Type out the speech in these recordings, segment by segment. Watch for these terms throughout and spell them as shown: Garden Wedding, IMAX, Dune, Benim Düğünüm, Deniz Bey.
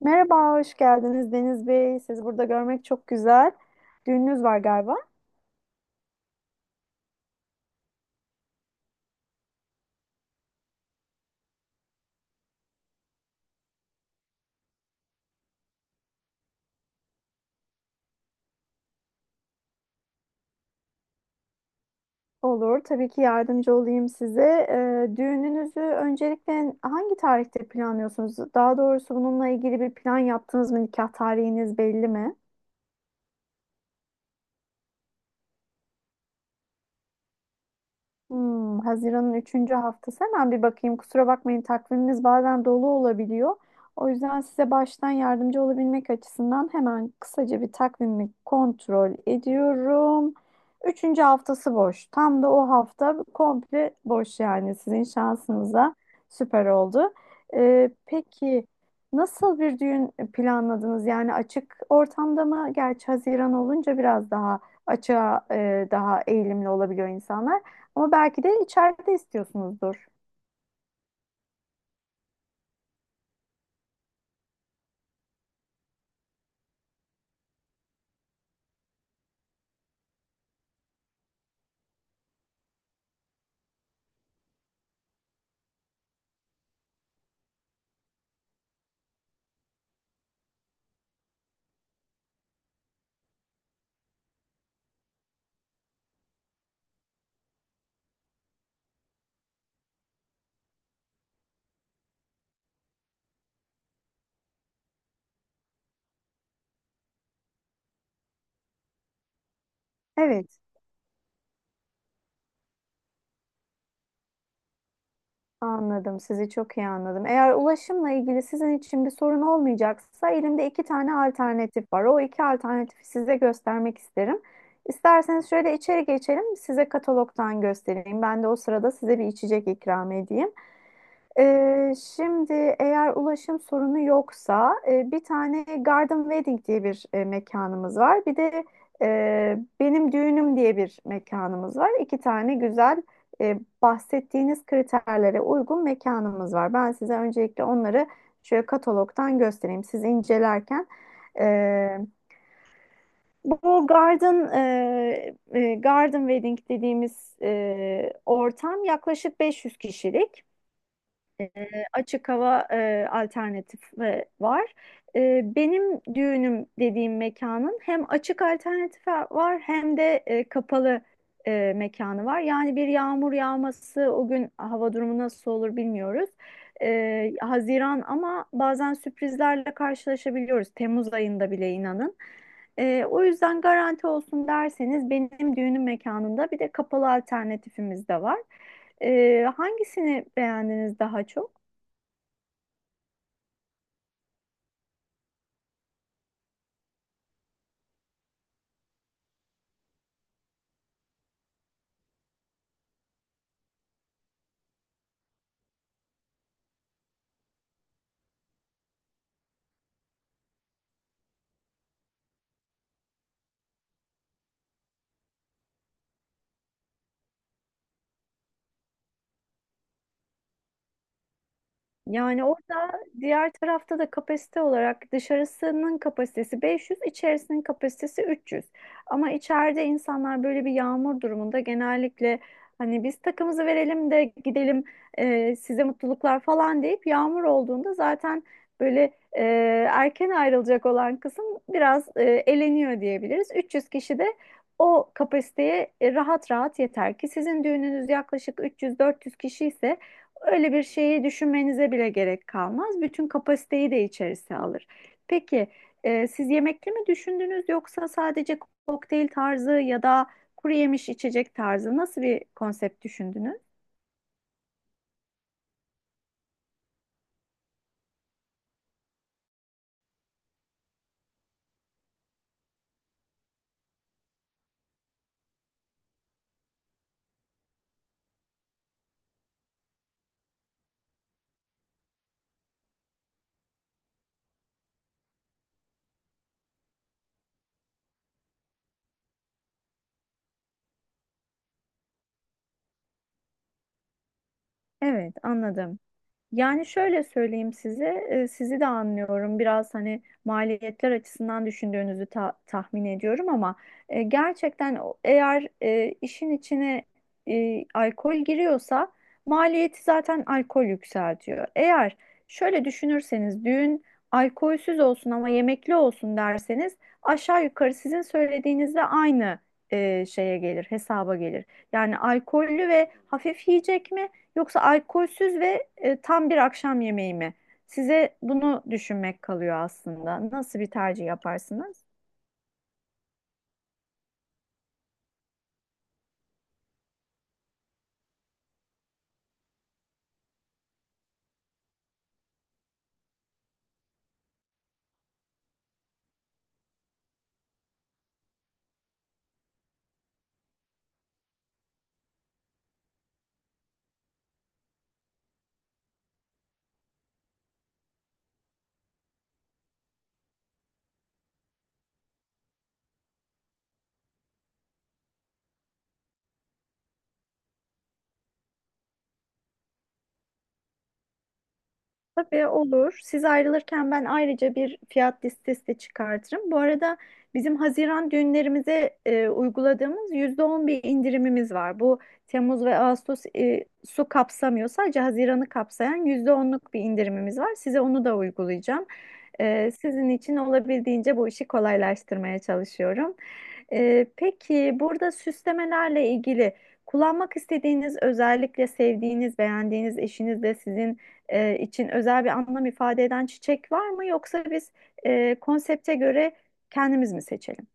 Merhaba, hoş geldiniz Deniz Bey. Sizi burada görmek çok güzel. Düğününüz var galiba. Olur, tabii ki yardımcı olayım size. Düğününüzü öncelikle hangi tarihte planlıyorsunuz? Daha doğrusu bununla ilgili bir plan yaptınız mı? Nikah tarihiniz belli mi? Haziran'ın üçüncü haftası hemen bir bakayım. Kusura bakmayın takviminiz bazen dolu olabiliyor. O yüzden size baştan yardımcı olabilmek açısından hemen kısaca bir takvimi kontrol ediyorum. Üçüncü haftası boş. Tam da o hafta komple boş, yani sizin şansınıza süper oldu. Peki nasıl bir düğün planladınız? Yani açık ortamda mı? Gerçi Haziran olunca biraz daha açığa daha eğilimli olabiliyor insanlar. Ama belki de içeride istiyorsunuzdur. Evet, anladım. Sizi çok iyi anladım. Eğer ulaşımla ilgili sizin için bir sorun olmayacaksa elimde iki tane alternatif var. O iki alternatifi size göstermek isterim. İsterseniz şöyle içeri geçelim, size katalogdan göstereyim. Ben de o sırada size bir içecek ikram edeyim. Şimdi eğer ulaşım sorunu yoksa bir tane Garden Wedding diye bir mekanımız var. Bir de Benim Düğünüm diye bir mekanımız var. İki tane güzel, bahsettiğiniz kriterlere uygun mekanımız var. Ben size öncelikle onları şöyle katalogdan göstereyim. Siz incelerken e, bu Garden Wedding dediğimiz ortam yaklaşık 500 kişilik. E, Açık hava alternatifi var. Benim düğünüm dediğim mekanın hem açık alternatifi var, hem de kapalı mekanı var. Yani bir yağmur yağması, o gün hava durumu nasıl olur bilmiyoruz. Haziran ama bazen sürprizlerle karşılaşabiliyoruz. Temmuz ayında bile, inanın. O yüzden garanti olsun derseniz, benim düğünüm mekanında bir de kapalı alternatifimiz de var. Hangisini beğendiniz daha çok? Yani orada, diğer tarafta da kapasite olarak dışarısının kapasitesi 500, içerisinin kapasitesi 300. Ama içeride insanlar böyle bir yağmur durumunda genellikle hani biz takımızı verelim de gidelim, size mutluluklar falan deyip yağmur olduğunda zaten böyle e, erken ayrılacak olan kısım biraz eleniyor diyebiliriz. 300 kişi de o kapasiteye rahat rahat yeter ki, sizin düğününüz yaklaşık 300-400 kişi ise öyle bir şeyi düşünmenize bile gerek kalmaz. Bütün kapasiteyi de içerisine alır. Peki siz yemekli mi düşündünüz, yoksa sadece kokteyl tarzı ya da kuru yemiş, içecek tarzı nasıl bir konsept düşündünüz? Evet, anladım. Yani şöyle söyleyeyim size, sizi de anlıyorum. Biraz hani maliyetler açısından düşündüğünüzü tahmin ediyorum, ama gerçekten eğer işin içine alkol giriyorsa maliyeti zaten alkol yükseltiyor. Eğer şöyle düşünürseniz, düğün alkolsüz olsun ama yemekli olsun derseniz, aşağı yukarı sizin söylediğinizle aynı şeye gelir, hesaba gelir. Yani alkollü ve hafif yiyecek mi? Yoksa alkolsüz ve tam bir akşam yemeği mi? Size bunu düşünmek kalıyor aslında. Nasıl bir tercih yaparsınız? Tabii, olur. Siz ayrılırken ben ayrıca bir fiyat listesi de çıkartırım. Bu arada bizim Haziran düğünlerimize uyguladığımız %10 bir indirimimiz var. Bu Temmuz ve Ağustos su kapsamıyor. Sadece Haziran'ı kapsayan %10'luk bir indirimimiz var. Size onu da uygulayacağım. Sizin için olabildiğince bu işi kolaylaştırmaya çalışıyorum. Peki burada süslemelerle ilgili kullanmak istediğiniz, özellikle sevdiğiniz, beğendiğiniz, eşiniz de sizin için özel bir anlam ifade eden çiçek var mı? Yoksa biz konsepte göre kendimiz mi seçelim?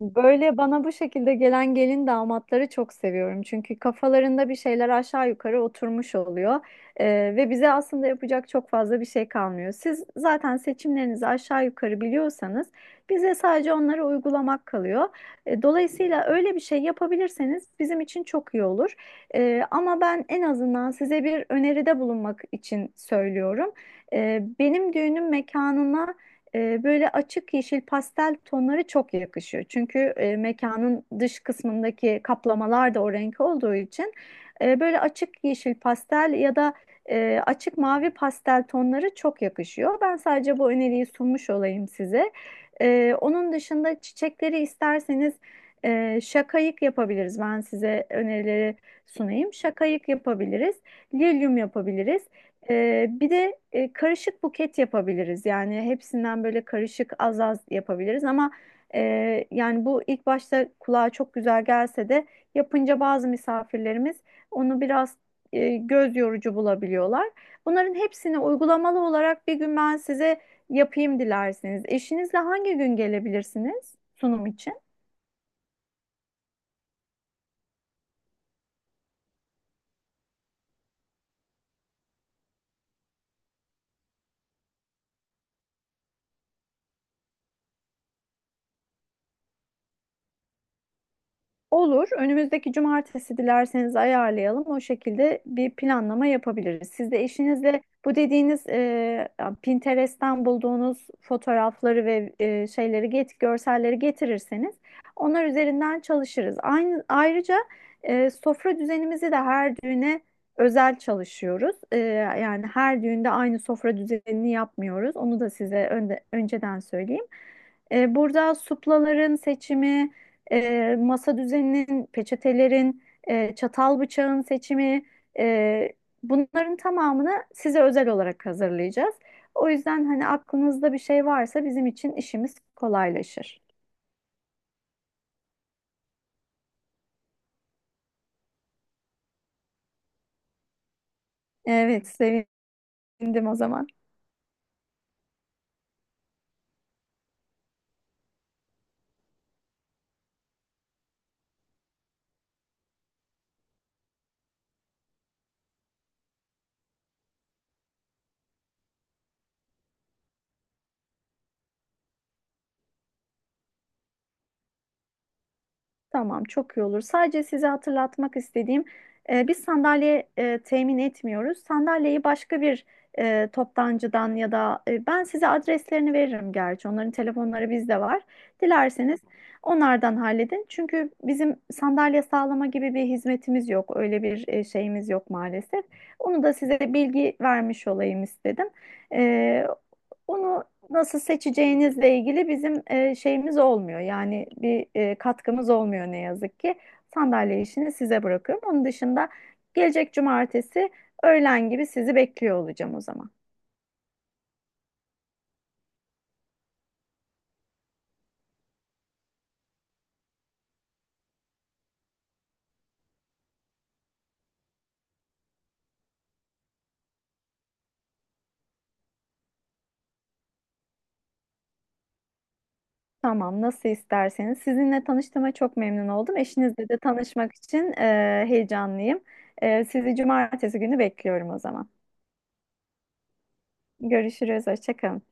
Böyle bana bu şekilde gelen gelin damatları çok seviyorum. Çünkü kafalarında bir şeyler aşağı yukarı oturmuş oluyor. Ve bize aslında yapacak çok fazla bir şey kalmıyor. Siz zaten seçimlerinizi aşağı yukarı biliyorsanız, bize sadece onları uygulamak kalıyor. Dolayısıyla öyle bir şey yapabilirseniz, bizim için çok iyi olur. Ama ben en azından size bir öneride bulunmak için söylüyorum. Benim düğünüm mekanına böyle açık yeşil pastel tonları çok yakışıyor. Çünkü mekanın dış kısmındaki kaplamalar da o renk olduğu için böyle açık yeşil pastel ya da açık mavi pastel tonları çok yakışıyor. Ben sadece bu öneriyi sunmuş olayım size. Onun dışında çiçekleri isterseniz şakayık yapabiliriz. Ben size önerileri sunayım. Şakayık yapabiliriz, lilyum yapabiliriz. Bir de karışık buket yapabiliriz. Yani hepsinden böyle karışık, az az yapabiliriz ama e, yani bu ilk başta kulağa çok güzel gelse de, yapınca bazı misafirlerimiz onu biraz göz yorucu bulabiliyorlar. Bunların hepsini uygulamalı olarak bir gün ben size yapayım dilerseniz. Eşinizle hangi gün gelebilirsiniz sunum için? Olur. Önümüzdeki cumartesi dilerseniz ayarlayalım. O şekilde bir planlama yapabiliriz. Siz de eşinizle bu dediğiniz Pinterest'ten bulduğunuz fotoğrafları ve görselleri getirirseniz, onlar üzerinden çalışırız. Aynı, ayrıca sofra düzenimizi de her düğüne özel çalışıyoruz. Yani her düğünde aynı sofra düzenini yapmıyoruz. Onu da size önceden söyleyeyim. Burada suplaların seçimi, masa düzeninin, peçetelerin, çatal bıçağın seçimi, e, bunların tamamını size özel olarak hazırlayacağız. O yüzden hani aklınızda bir şey varsa, bizim için işimiz kolaylaşır. Evet, sevindim o zaman. Tamam, çok iyi olur. Sadece size hatırlatmak istediğim, biz sandalye temin etmiyoruz. Sandalyeyi başka bir toptancıdan ya da, ben size adreslerini veririm gerçi. Onların telefonları bizde var. Dilerseniz onlardan halledin. Çünkü bizim sandalye sağlama gibi bir hizmetimiz yok. Öyle bir şeyimiz yok maalesef. Onu da size bilgi vermiş olayım istedim. E, Onu nasıl seçeceğinizle ilgili bizim şeyimiz olmuyor. Yani bir katkımız olmuyor ne yazık ki. Sandalye işini size bırakıyorum. Onun dışında gelecek cumartesi öğlen gibi sizi bekliyor olacağım o zaman. Tamam, nasıl isterseniz. Sizinle tanıştığıma çok memnun oldum. Eşinizle de tanışmak için heyecanlıyım. Sizi cumartesi günü bekliyorum o zaman. Görüşürüz, hoşça kalın.